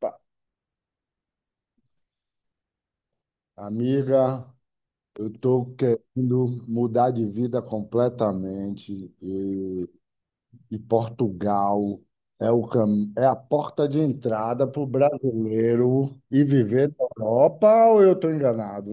Pa- Amiga, eu estou querendo mudar de vida completamente e Portugal é o é a porta de entrada para o brasileiro e viver na Europa, ou eu estou enganado?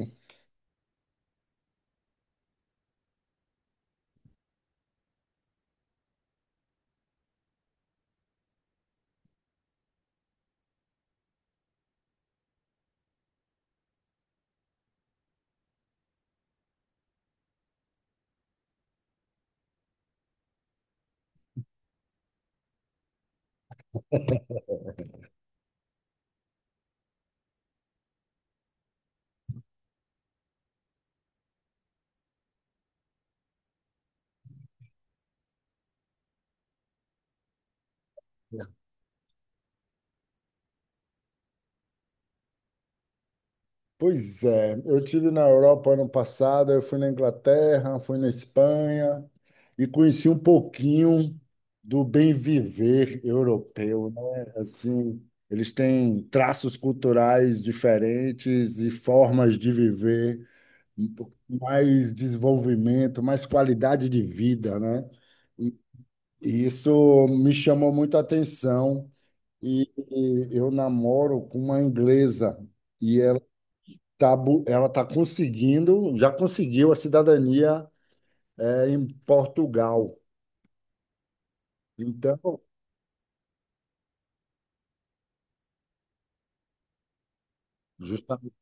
Pois é, eu tive na Europa ano passado, eu fui na Inglaterra, fui na Espanha e conheci um pouquinho do bem viver europeu, né? Assim, eles têm traços culturais diferentes e formas de viver, um mais desenvolvimento, mais qualidade de vida, né? E e isso me chamou muita atenção, e eu namoro com uma inglesa. E ela ela está conseguindo, já conseguiu a cidadania, em Portugal. Então, justamente,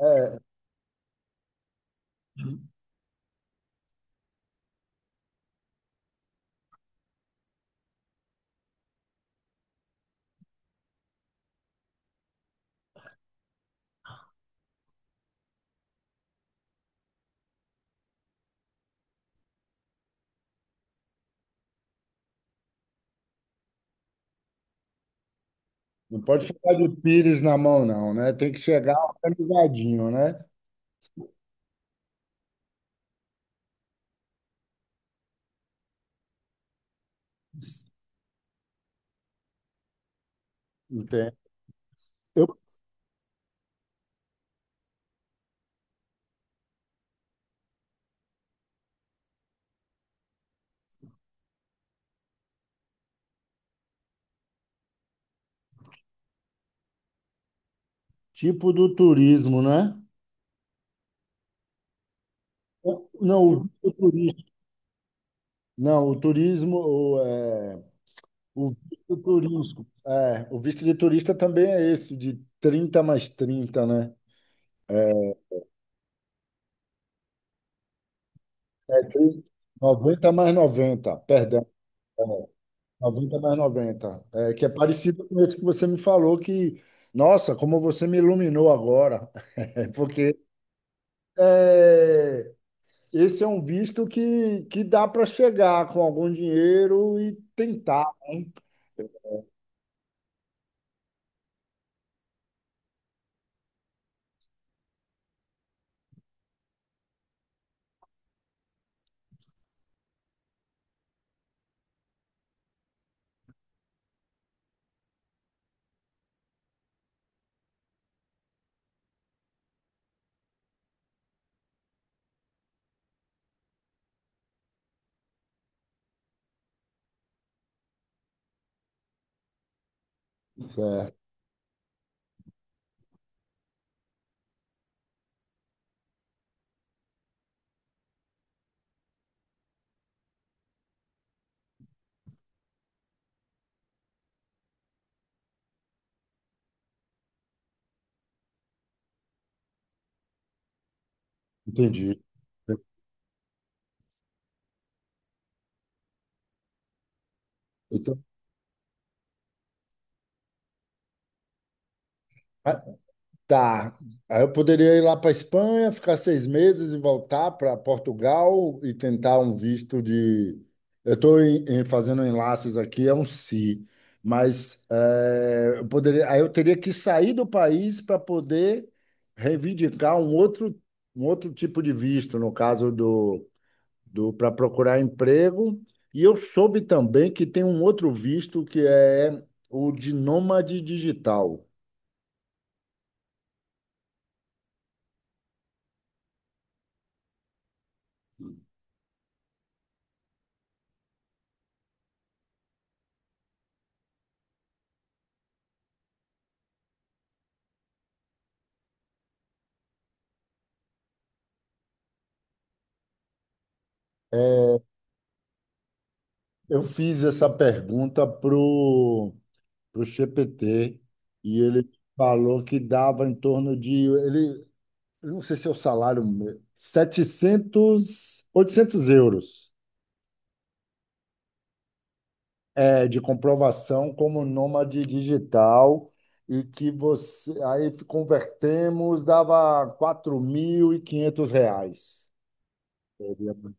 é, não pode ficar de pires na mão, não, né? Tem que chegar organizadinho, né? Entende? Eu, tipo do turismo, né? Não, o turismo. Não, o turismo, o visto turístico. É, o visto de turista também é esse, de 30 mais trinta, né? É, 30 90 mais noventa, perdão. É. Noventa mais 90, é, que é parecido com esse que você me falou, que, nossa, como você me iluminou agora. É porque é, esse é um visto que dá para chegar com algum dinheiro e tentar, né? Certo, entendi. Eu tô- Tá. Aí eu poderia ir lá para Espanha, ficar 6 meses e voltar para Portugal e tentar um visto de. Eu estou fazendo enlaces aqui, é um se mas é, eu poderia. Aí eu teria que sair do país para poder reivindicar um outro tipo de visto, no caso do para procurar emprego. E eu soube também que tem um outro visto que é o de nômade digital. Eu fiz essa pergunta pro GPT e ele falou que dava em torno eu não sei se é o 700, 800 euros, é, de comprovação como nômade digital, e que você aí convertemos dava R$ 4.500. Né?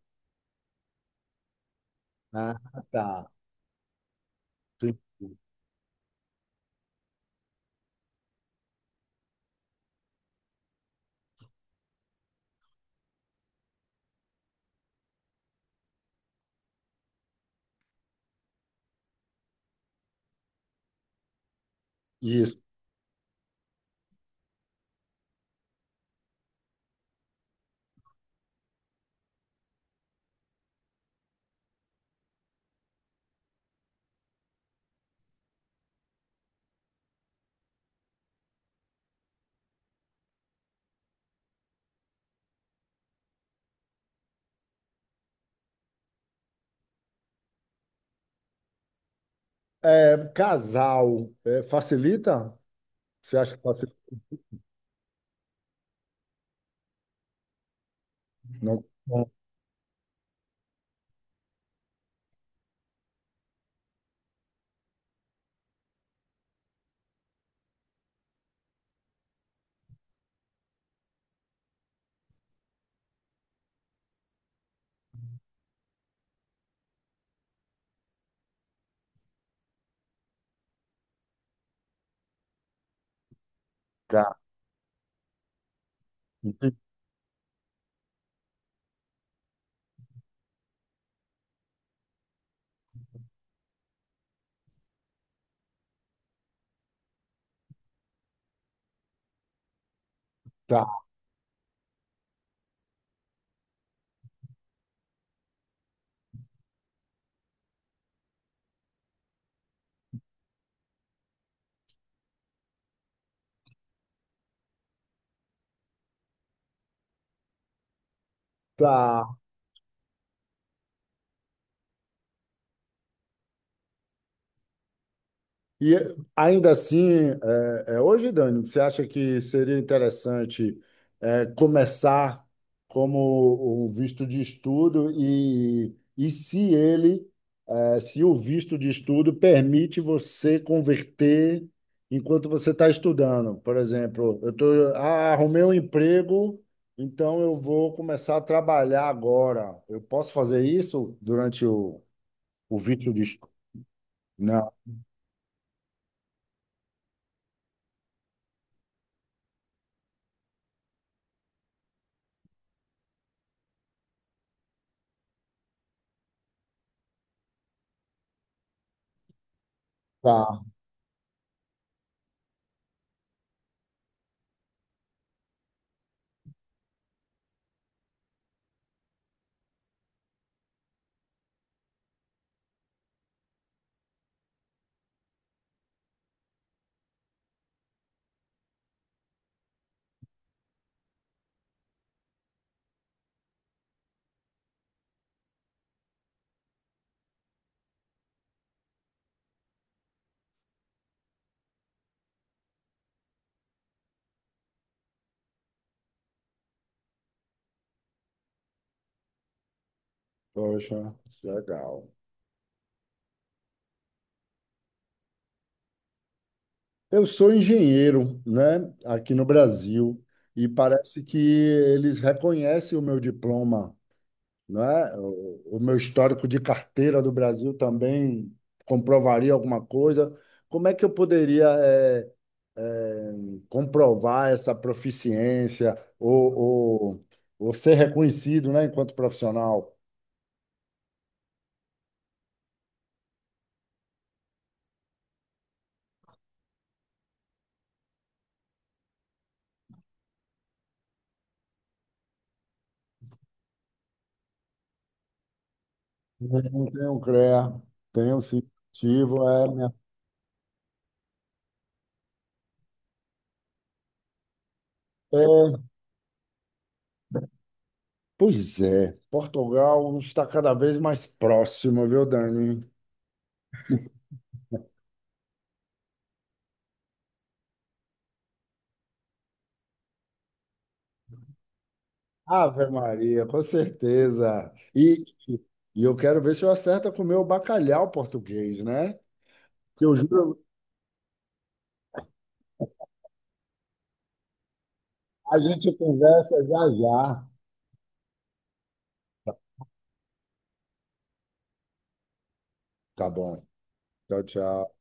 Ah, tá. Isso. É, casal, é, facilita? Você acha que não. Tá, tá, tá. E ainda assim, é, é, hoje, Dani, você acha que seria interessante é, começar como um visto de estudo e se ele, é, se o visto de estudo permite você converter enquanto você está estudando? Por exemplo, eu tô, ah, arrumei um emprego, então eu vou começar a trabalhar agora. Eu posso fazer isso durante o O Vitor diz, não, tá, poxa, legal. Eu sou engenheiro, né, aqui no Brasil, e parece que eles reconhecem o meu diploma, né? O meu histórico de carteira do Brasil também comprovaria alguma coisa. Como é que eu poderia, eh, eh, comprovar essa proficiência, ou, ou ser reconhecido, né, enquanto profissional? Não tenho CREA, tenho sim. Ativo, é. É, pois é, Portugal está cada vez mais próximo, viu, Dani? Ave Maria, com certeza. E e eu quero ver se eu acerto com o meu bacalhau português, né? Que eu juro, a gente conversa já já. Tá bom. Tchau, tchau.